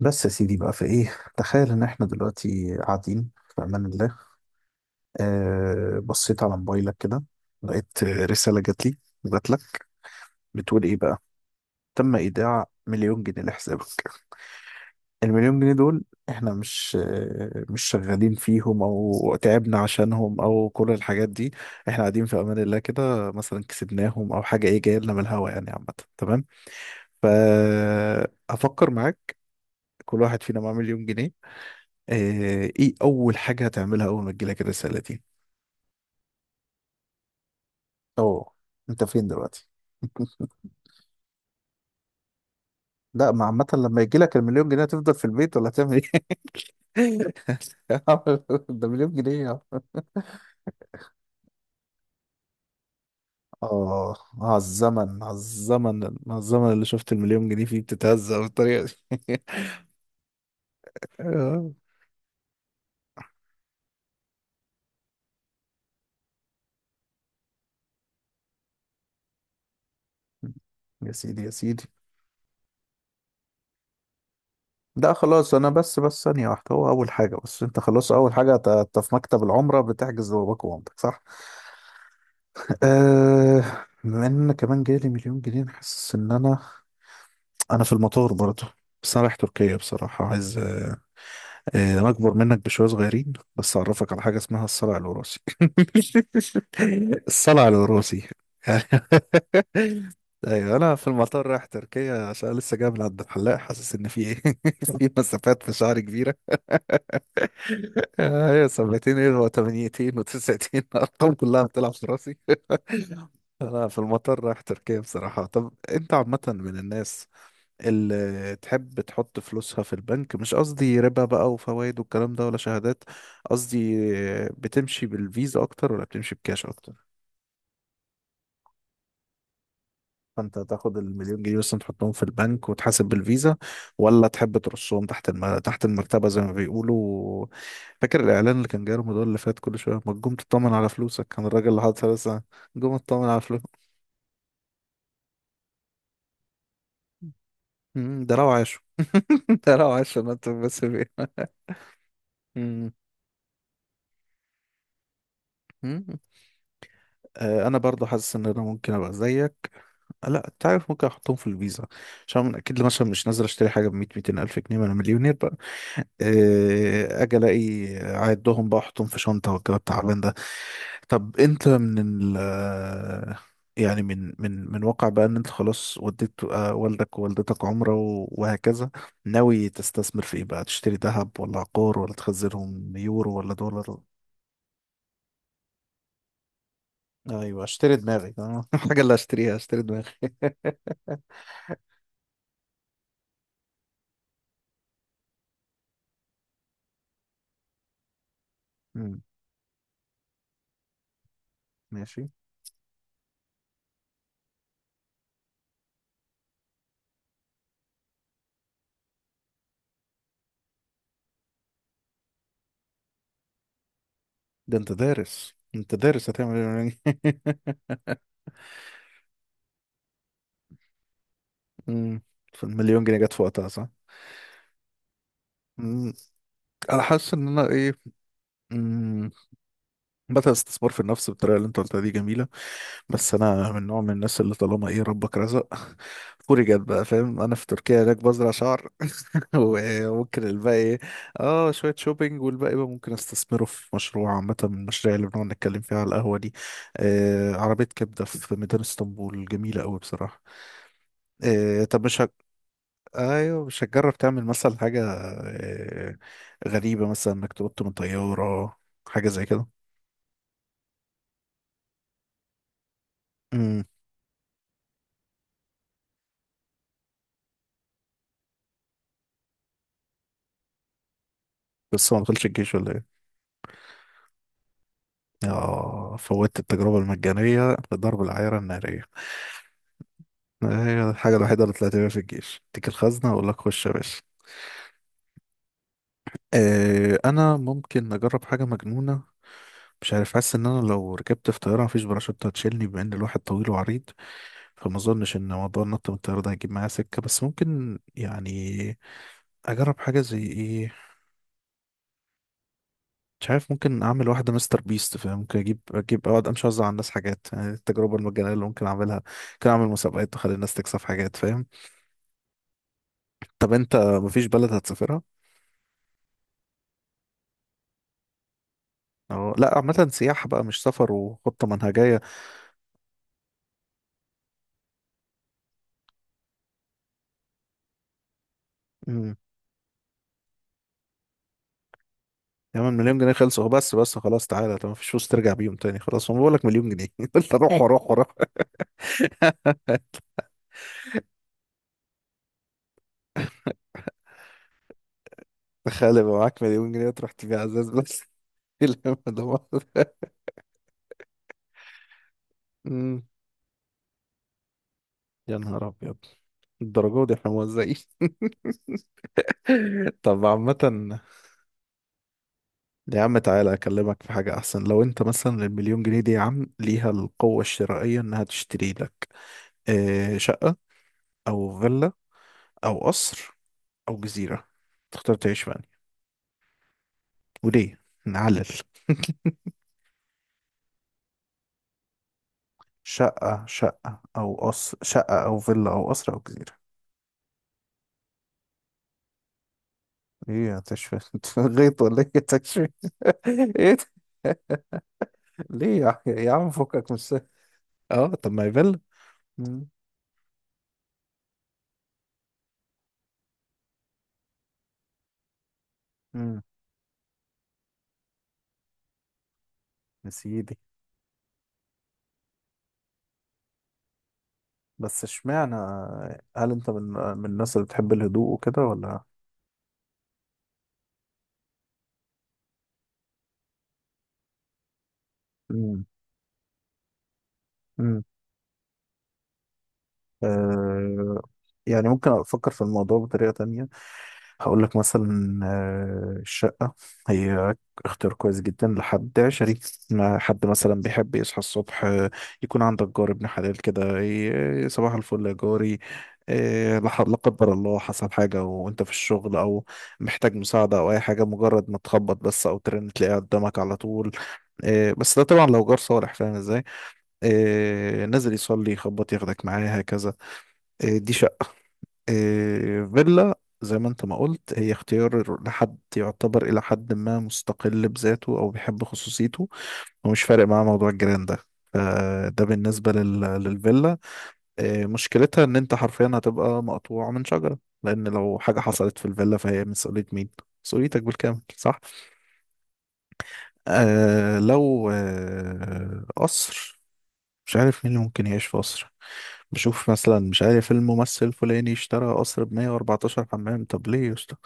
بس يا سيدي بقى، في ايه؟ تخيل ان احنا دلوقتي قاعدين في امان الله. آه، بصيت على موبايلك كده. لقيت رسالة جات لي. جات لك. بتقول ايه بقى؟ تم ايداع مليون جنيه لحسابك. المليون جنيه دول، احنا مش مش شغالين فيهم او تعبنا عشانهم او كل الحاجات دي. احنا قاعدين في امان الله كده، مثلا كسبناهم او حاجة، ايه؟ جاية لنا من الهوا يعني. عامة، تمام؟ فافكر معاك، كل واحد فينا معاه مليون جنيه. آه، ايه اول حاجة هتعملها اول ما تجيلك الرسالة دي؟ اوه، انت فين دلوقتي؟ لا ما عامة، لما يجي لك المليون جنيه هتفضل في البيت ولا هتعمل ايه؟ ده مليون جنيه. اه، على الزمن، على الزمن، على الزمن اللي شفت المليون جنيه فيه بتتهزق بالطريقة دي. آه. يا سيدي يا سيدي، لا خلاص، انا بس ثانية واحدة، هو اول حاجة، بس انت خلاص اول حاجة انت في مكتب العمرة بتحجز باباك ومامتك صح؟ أه، بما ان كمان جالي مليون جنيه، حاسس ان انا في المطار برضه، بس انا رايح تركيا بصراحة، عايز انا اكبر منك بشوية صغيرين بس، اعرفك على حاجة اسمها الصلع الوراثي. الصلع الوراثي. ايوه، انا في المطار رايح تركيا عشان لسه جاي من عند الحلاق، حاسس ان في ايه، في مسافات في شعري كبيرة. هي سبعتين ايه وثمانيتين وتسعتين، ارقام كلها بتلعب في راسي. انا في المطار رايح تركيا بصراحة. طب انت عامة من الناس اللي تحب تحط فلوسها في البنك، مش قصدي ربا بقى وفوائد والكلام ده ولا شهادات، قصدي بتمشي بالفيزا اكتر ولا بتمشي بكاش اكتر؟ فانت تاخد المليون جنيه مثلا تحطهم في البنك وتحاسب بالفيزا، ولا تحب ترصهم تحت تحت المرتبة زي ما بيقولوا؟ فاكر الاعلان اللي كان جاي رمضان اللي فات، كل شوية ما تقوم تطمن على فلوسك، كان الراجل اللي حاطط فلوسها، قوم اطمن على فلوسك. ده لو عاشوا. انت لو عايش في منطقة، بس في مم. مم. انا برضو حاسس ان انا ممكن ابقى زيك. لا انت عارف ممكن احطهم في الفيزا عشان أنا اكيد مثلا مش نازل اشتري حاجه ب 100 200 الف جنيه، ما انا مليونير بقى. اجي الاقي اعدهم بقى احطهم في شنطه والكلام التعبان ده. طب انت من ال آه، يعني من واقع بقى ان انت خلاص وديت، والدك ووالدتك عمره وهكذا، ناوي تستثمر في ايه بقى؟ تشتري ذهب ولا عقار ولا تخزنهم يورو ولا دولار؟ ايوه، اشتري دماغي اه، الحاجة اللي هشتريها هشتري دماغي. أمم، ماشي، ده انت دارس، انت دارس هتعمل ايه؟ أمم، فالمليون جنيه جت في وقتها صح؟ مم. انا حاسس ان انا ايه، مم. بدأ الاستثمار في النفس بالطريقه اللي انت قلتها دي جميله، بس انا من نوع من الناس اللي طالما ايه ربك رزق فوري جت بقى، فاهم؟ انا في تركيا هناك بزرع شعر. وممكن الباقي ايه؟ اه، شوية شوبينج، والباقي بقى ممكن استثمره في مشروع، عامة من المشاريع اللي بنقعد نتكلم فيها على القهوة دي. آه، عربية كبدة في ميدان اسطنبول جميلة أوي بصراحة. آه، طب مش ايوه، مش هتجرب تعمل مثلا حاجة آه غريبة، مثلا انك تنط من طيارة، حاجة زي كده؟ امم بس هو ما دخلش الجيش ولا ايه؟ اه، فوتت التجربة المجانية لضرب العيارة النارية. هي الحاجة الوحيدة اللي طلعت بيها في الجيش، اديك الخزنة اقول لك خش يا باشا. انا ممكن اجرب حاجه مجنونه، مش عارف. حاسس ان انا لو ركبت في طياره مفيش باراشوت هتشيلني، بما ان الواحد طويل وعريض، فما اظنش ان موضوع النط من الطياره ده هيجيب معايا سكه، بس ممكن يعني اجرب حاجه زي ايه، مش عارف. ممكن اعمل واحده مستر بيست، فاهم؟ ممكن اجيب اجيب اقعد امشي اوزع على الناس حاجات، يعني دي التجربه المجانيه اللي ممكن اعملها. ممكن اعمل مسابقات واخلي الناس تكسب حاجات، فاهم. طب انت مفيش بلد هتسافرها؟ اه لا، عامه سياحه بقى مش سفر وخطه منهجيه. يا عم المليون جنيه خلصوا، بس بس خلاص تعالى. طب مفيش فلوس ترجع بيهم تاني؟ خلاص، ما بقول لك مليون جنيه، قلت اروح واروح واروح. تخيل يبقى معاك مليون جنيه تروح تبيع ازاز بس، لما ده مرة. أمم، يا نهار ابيض، الدرجة دي احنا موزعين. طب عامة، يا عم تعالى اكلمك في حاجة احسن. لو انت مثلا المليون جنيه دي يا عم ليها القوة الشرائية انها تشتري لك، شقة او فيلا او قصر او جزيرة، تختار تعيش في أنهي؟ وليه؟ نعلل. شقة، شقة أو قصر، شقة أو فيلا أو قصر أو جزيرة. إيه، هتشفي؟ أنت غيط ولا إيه تشفي؟ إيه ده؟ ليه يا عم فكك من السهل؟ أه، طب ما هي فيلا. مم. مم. يا سيدي. بس اشمعنى، هل أنت من الناس اللي بتحب الهدوء وكده ولا؟ مم. مم. آه، يعني ممكن أفكر في الموضوع بطريقة تانية. هقول لك مثلا، الشقة هي اختيار كويس جدا لحد عشري، ما حد مثلا بيحب يصحى الصبح، يكون عندك جار ابن حلال كده، صباح الفل يا جاري. لا لا قدر الله حصل حاجة وانت في الشغل او محتاج مساعدة او اي حاجة، مجرد ما تخبط بس او ترن تلاقيه قدامك على طول. بس ده طبعا لو جار صالح، فاهم ازاي؟ نازل يصلي يخبط ياخدك معاه هكذا. دي. إيه، فيلا زي ما انت ما قلت، هي اختيار لحد يعتبر الى حد ما مستقل بذاته او بيحب خصوصيته ومش فارق معاه موضوع الجيران ده، فده بالنسبة للفيلا. إيه، مشكلتها ان انت حرفيا هتبقى مقطوع من شجرة، لان لو حاجة حصلت في الفيلا فهي مسؤولية مين؟ مسؤوليتك بالكامل صح؟ آه، لو قصر، مش عارف مين اللي ممكن يعيش في قصر. بشوف مثلا، مش عارف، الممثل الفلاني اشترى قصر ب 114 حمام، طب ليه يا اسطى؟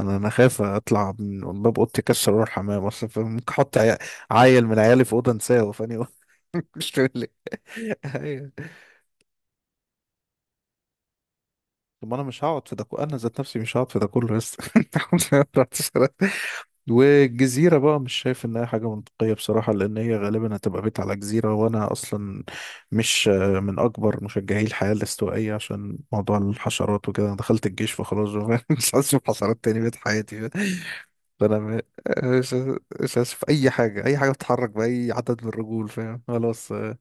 انا خايف اطلع من باب اوضتي اكسر اروح حمام اصلا، فممكن احط عيل من عيالي في اوضه انساه فاني. مش فاهم ليه. ايوه. طب ما انا مش هقعد في ده انا ذات نفسي مش هقعد في ده كله لسه، الحمد لله طلعت سلام. والجزيرة بقى مش شايف إنها حاجة منطقية بصراحة، لأن هي غالبا هتبقى بيت على جزيرة، وأنا أصلا مش من أكبر مشجعي الحياة الاستوائية عشان موضوع الحشرات وكده. أنا دخلت الجيش فخلاص بقى، مش عايز أشوف حشرات تاني بقيت حياتي. فأنا م- مش عايز أشوف أي حاجة، أي حاجة بتتحرك بأي عدد من الرجول، فاهم؟ خلاص آه.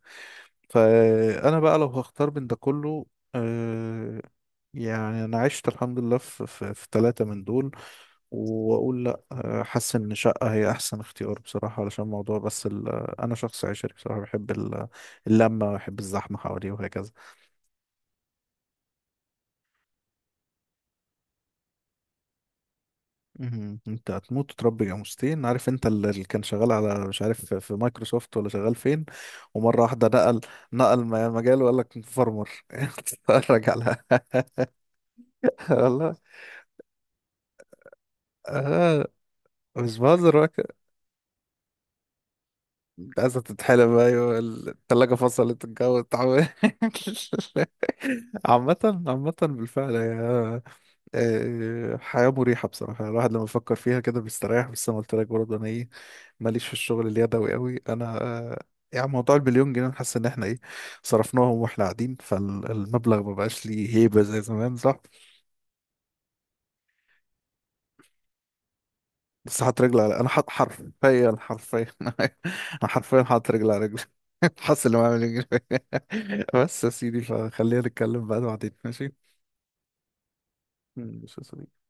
فأنا بقى لو هختار بين ده كله، آه، يعني انا عشت الحمد لله في ثلاثة من دول، واقول لا، حاسس ان شقة هي احسن اختيار بصراحة، علشان موضوع بس انا شخص عشري بصراحة، بحب اللمة، بحب الزحمة حواليه وهكذا. مهم. انت هتموت وتربي جاموستين. عارف انت اللي كان شغال على، مش عارف، في مايكروسوفت ولا شغال فين، ومرة واحدة نقل، نقل مجاله وقال لك فارمر، اتفرج على. والله آه، مش بهزر. انت عايزة تتحلم ايوه؟ التلاجة فصلت، الجو اتعمل. عامة بالفعل هي، حياة مريحة بصراحة، يعني الواحد لما بيفكر فيها كده بيستريح، بس انا قلت لك برضه انا ايه، ماليش في الشغل اليدوي قوي انا، يعني موضوع البليون جنيه أنا حاسس ان احنا ايه، صرفناهم واحنا قاعدين، فالمبلغ ما بقاش ليه هيبة زي زمان صح. بس حاطط رجل على، انا حاط حرفيا، انا حرفيا حاطط رجل على رجل، حاسس اللي معاه مليون جنيه. بس يا سيدي، فخلينا نتكلم بقى بعدين ماشي؟ ماشي يا صديقي.